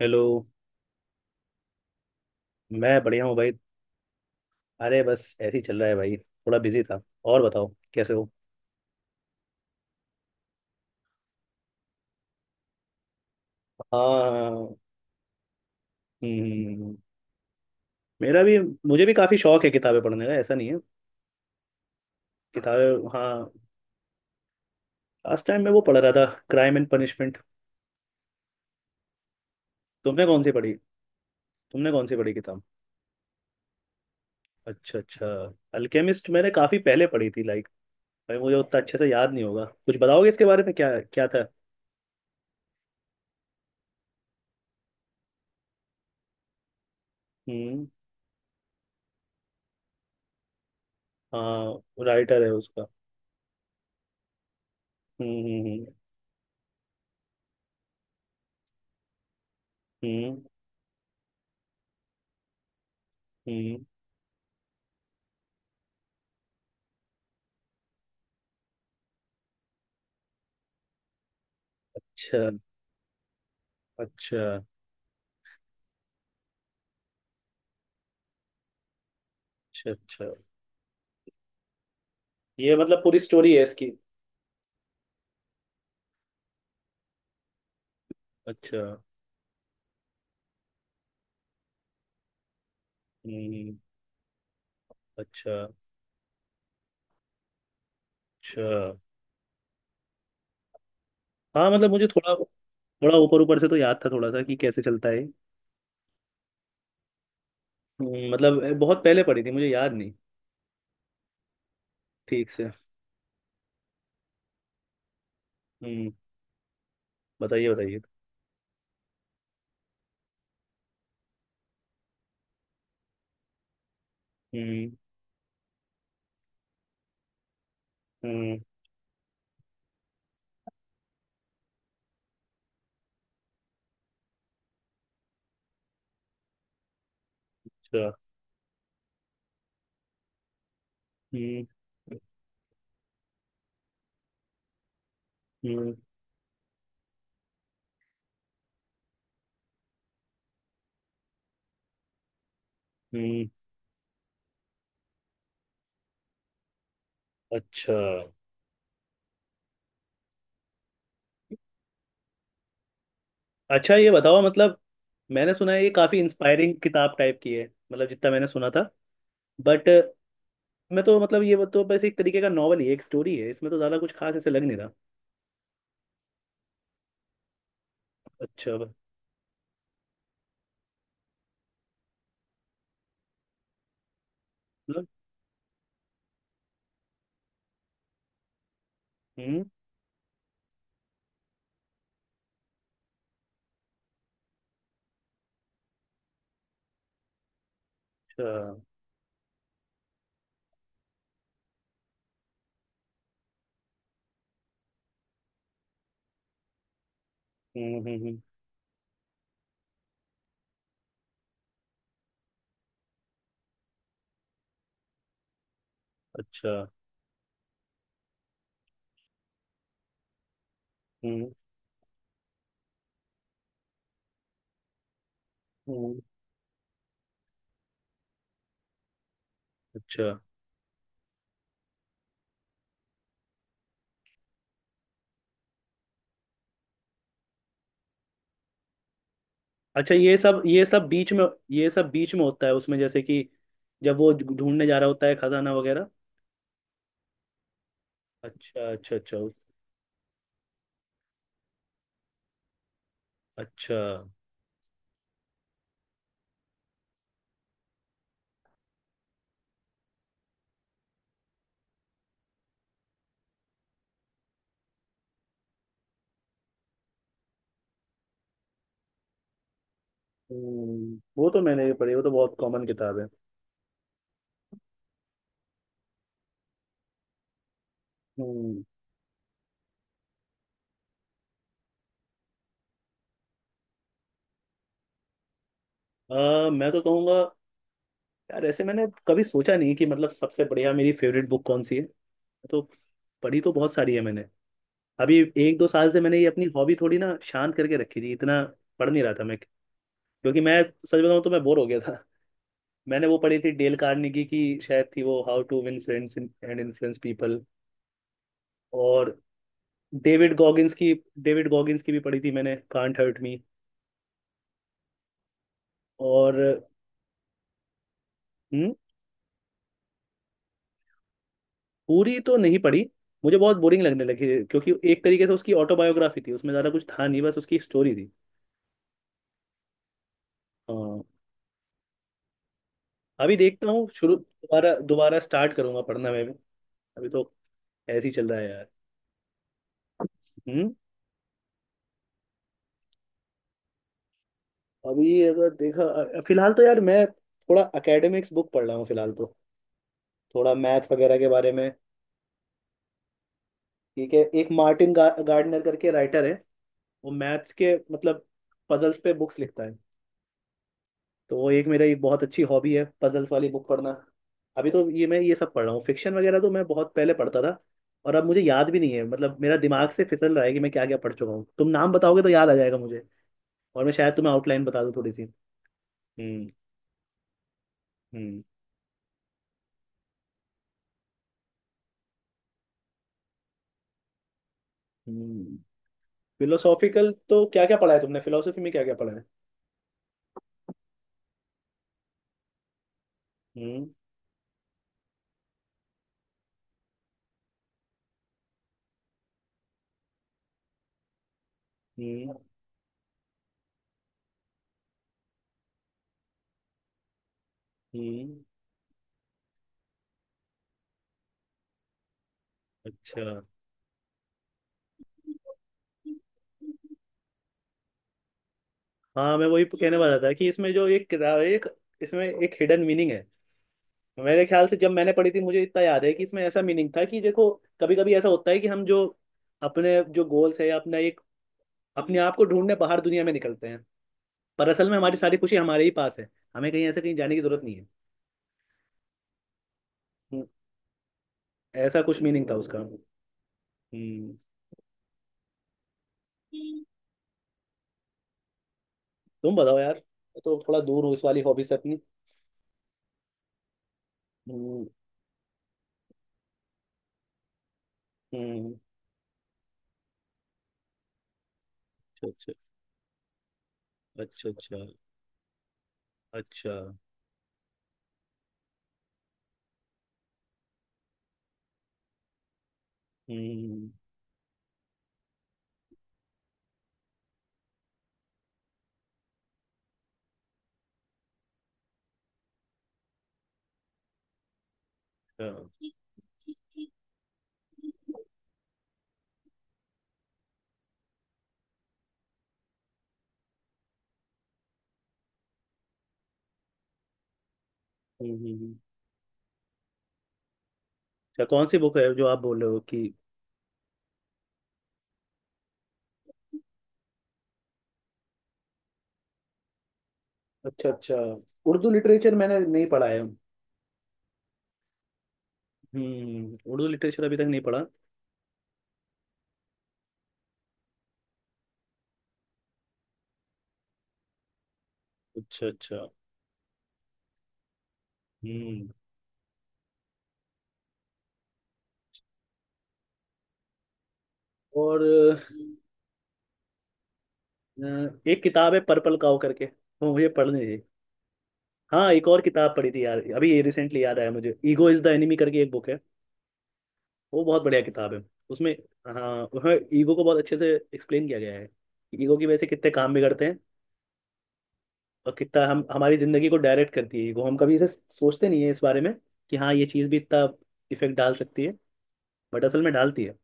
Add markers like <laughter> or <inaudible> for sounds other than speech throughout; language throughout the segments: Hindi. हेलो। मैं बढ़िया हूँ भाई। अरे बस ऐसे ही चल रहा है भाई, थोड़ा बिजी था। और बताओ, कैसे हो। हाँ। हम्म। मेरा भी। मुझे भी काफ़ी शौक है किताबें पढ़ने का, ऐसा नहीं है। किताबें, हाँ। लास्ट टाइम मैं वो पढ़ रहा था, क्राइम एंड पनिशमेंट। तुमने कौन सी पढ़ी तुमने कौन सी पढ़ी किताब? अच्छा अच्छा। अल्केमिस्ट मैंने काफ़ी पहले पढ़ी थी। लाइक भाई, मुझे उतना अच्छे से याद नहीं होगा, कुछ बताओगे इसके बारे में क्या क्या था? हम्म। हाँ, राइटर है उसका। हम्म। हम्म हम्म। अच्छा अच्छा। अच्छा अच्छा। ये मतलब पूरी स्टोरी है इसकी? अच्छा। हम्म। अच्छा अच्छा। हाँ मतलब मुझे थोड़ा, थोड़ा ऊपर ऊपर से तो याद था, थोड़ा सा कि कैसे चलता है। मतलब बहुत पहले पढ़ी थी, मुझे याद नहीं ठीक से। हम्म। बताइए बताइए। हम्म हम्म। अच्छा। हम्म हम्म। हम्म, अच्छा अच्छा। ये बताओ मतलब, मैंने सुना है ये काफ़ी इंस्पायरिंग किताब टाइप की है, मतलब जितना मैंने सुना था। बट मैं तो मतलब, ये तो बस एक तरीके का नॉवल ही है, एक स्टोरी है, इसमें तो ज़्यादा कुछ खास ऐसे लग नहीं रहा। अच्छा मतलब। हम्म। अच्छा। हम्म हम्म हम्म, अच्छा। हम्म हम्म, अच्छा अच्छा। ये सब बीच में। ये सब बीच में होता है उसमें, जैसे कि जब वो ढूंढने जा रहा होता है खजाना वगैरह। अच्छा अच्छा अच्छा। अच्छा। हम्म, वो तो मैंने भी पढ़ी, वो तो बहुत कॉमन किताब है। हम्म। मैं तो कहूँगा, यार ऐसे मैंने कभी सोचा नहीं कि मतलब सबसे बढ़िया मेरी फेवरेट बुक कौन सी है। तो पढ़ी तो बहुत सारी है मैंने। अभी एक दो साल से मैंने ये अपनी हॉबी थोड़ी ना शांत करके रखी थी, इतना पढ़ नहीं रहा था मैं, क्योंकि मैं सच बताऊं तो मैं बोर हो गया था। <laughs> मैंने वो पढ़ी थी डेल कार्नेगी की, शायद थी वो how to win friends and influence people. और डेविड गॉगिंस की डेविड गॉगिंस की भी पढ़ी थी मैंने, कांट हर्ट मी। और हम्म, पूरी तो नहीं पढ़ी। मुझे बहुत बोरिंग लगने लगी, क्योंकि एक तरीके से उसकी ऑटोबायोग्राफी थी, उसमें ज़्यादा कुछ था नहीं, बस उसकी स्टोरी थी। हाँ। अभी देखता हूँ, शुरू दोबारा दोबारा स्टार्ट करूंगा पढ़ना मैं भी। अभी तो ऐसे ही चल रहा है यार। हम्म। अभी अगर देखा अ- फिलहाल तो यार मैं थोड़ा एकेडमिक्स बुक पढ़ रहा हूँ फिलहाल तो, थोड़ा मैथ्स वगैरह के बारे में। ठीक है, एक मार्टिन गार्डनर करके राइटर है, वो मैथ्स के मतलब पजल्स पे बुक्स लिखता है। तो वो एक मेरा एक बहुत अच्छी हॉबी है, पजल्स वाली बुक पढ़ना। अभी तो ये मैं ये सब पढ़ रहा हूँ, फिक्शन वगैरह तो मैं बहुत पहले पढ़ता था। और अब मुझे याद भी नहीं है, मतलब मेरा दिमाग से फिसल रहा है कि मैं क्या क्या पढ़ चुका हूँ, तुम नाम बताओगे तो याद आ जाएगा मुझे, और मैं शायद तुम्हें आउटलाइन बता दूँ थोड़ी सी। हम्म। हम्म। हम्म। फिलोसॉफिकल तो क्या क्या पढ़ा है तुमने, फिलोसफी में क्या क्या पढ़ा है? हम्म। हम्म। हम्म। अच्छा। हाँ, मैं वही कहने वाला था कि इसमें जो एक किताब है, एक, इसमें एक हिडन मीनिंग है। मेरे ख्याल से जब मैंने पढ़ी थी, मुझे इतना याद है कि इसमें ऐसा मीनिंग था कि देखो, कभी कभी ऐसा होता है कि हम जो अपने जो गोल्स है, या अपना एक अपने आप को ढूंढने बाहर दुनिया में निकलते हैं, पर असल में हमारी सारी खुशी हमारे ही पास है, हमें कहीं ऐसे कहीं जाने की जरूरत नहीं है। हम्म, ऐसा कुछ मीनिंग था उसका। हम्म। तुम बताओ यार, मैं तो थोड़ा दूर हूँ इस वाली हॉबी से अपनी। हम्म। हम्म, अच्छा अच्छा। अच्छा अच्छा। अच्छा। हम्म। अच्छा। हम्म। हम्म। अच्छा, कौन सी बुक है जो आप बोल रहे हो कि? अच्छा अच्छा। उर्दू लिटरेचर मैंने नहीं पढ़ा है। हम्म, उर्दू लिटरेचर अभी तक नहीं पढ़ा। अच्छा अच्छा। हम्म। और अ, एक किताब है पर्पल काउ करके, वो मुझे पढ़नी थी। हाँ, एक और किताब पढ़ी थी यार, अभी ये रिसेंटली याद आया मुझे, ईगो इज द एनिमी करके एक बुक है। वो बहुत बढ़िया किताब है। उसमें, हाँ उसमें ईगो को बहुत अच्छे से एक्सप्लेन किया गया है, कि ईगो की वजह से कितने काम बिगड़ते हैं, और कितना हम हमारी जिंदगी को डायरेक्ट करती है ईगो, हम कभी इसे सोचते नहीं है इस बारे में, कि हाँ ये चीज़ भी इतना इफेक्ट डाल सकती है, बट असल में डालती है।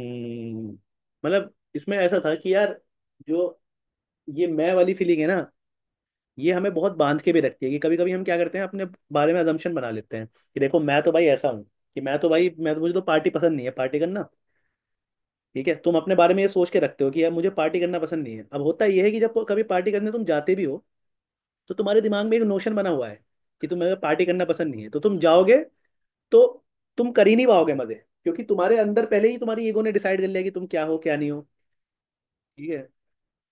हम्म, मतलब इसमें ऐसा था कि यार, जो ये मैं वाली फीलिंग है ना, ये हमें बहुत बांध के भी रखती है, कि कभी कभी हम क्या करते हैं, अपने बारे में अजम्पशन बना लेते हैं, कि देखो मैं तो भाई ऐसा हूँ, कि मैं तो भाई, मैं तो मुझे तो पार्टी पसंद नहीं है, पार्टी करना। ठीक है, तुम अपने बारे में ये सोच के रखते हो कि यार मुझे पार्टी करना पसंद नहीं है, अब होता यह है कि जब कभी पार्टी करने तुम जाते भी हो, तो तुम्हारे दिमाग में एक नोशन बना हुआ है कि तुम्हें पार्टी करना पसंद नहीं है, तो तुम जाओगे तो तुम कर ही नहीं पाओगे मजे, क्योंकि तुम्हारे अंदर पहले ही तुम्हारी ईगो ने डिसाइड कर लिया कि तुम क्या हो क्या नहीं हो। ठीक है।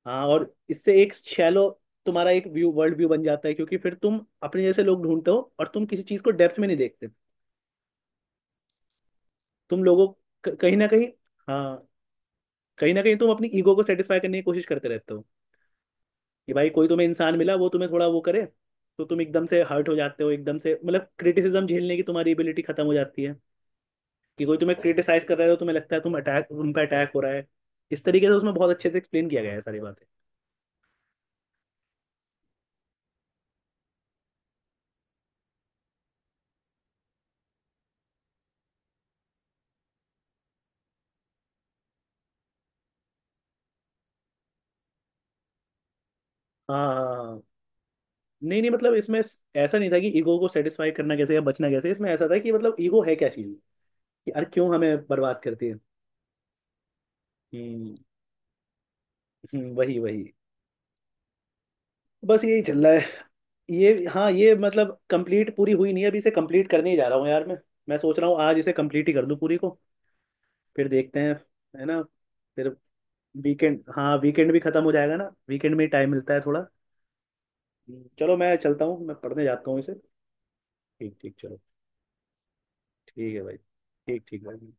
हाँ, और इससे एक शैलो तुम्हारा एक व्यू, वर्ल्ड व्यू बन जाता है, क्योंकि फिर तुम अपने जैसे लोग ढूंढते हो और तुम किसी चीज को डेप्थ में नहीं देखते। तुम लोगों, कहीं ना कहीं, हाँ, कहीं ना कहीं तुम अपनी ईगो को सेटिस्फाई करने की कोशिश करते रहते हो। कि भाई कोई तुम्हें इंसान मिला, वो तुम्हें थोड़ा वो करे, तो तुम एकदम से हर्ट हो जाते हो, एकदम से मतलब क्रिटिसिज्म झेलने की तुम्हारी एबिलिटी खत्म हो जाती है, कि कोई तुम्हें क्रिटिसाइज कर रहा है तो तुम्हें लगता है तुम पे अटैक हो रहा है। इस तरीके से उसमें बहुत अच्छे से एक्सप्लेन किया गया है सारी बातें। हाँ हाँ हाँ। हाँ। नहीं नहीं, मतलब इसमें ऐसा नहीं था कि ईगो को सेटिस्फाई करना कैसे या बचना कैसे, इसमें ऐसा था कि मतलब ईगो है क्या चीज़, कि यार क्यों हमें बर्बाद करती है। हम्म। वही वही। बस यही चल रहा है। ये हाँ, ये मतलब कंप्लीट पूरी हुई नहीं है, अभी इसे कंप्लीट करने ही जा रहा हूँ यार मैं सोच रहा हूँ आज इसे कंप्लीट ही कर दूँ पूरी को, फिर देखते हैं। है ना। फिर वीकेंड, हाँ वीकेंड भी खत्म हो जाएगा ना, वीकेंड में टाइम मिलता है थोड़ा। चलो, मैं चलता हूँ, मैं पढ़ने जाता हूँ इसे। ठीक ठीक चलो। ठीक है भाई। ठीक ठीक भाई।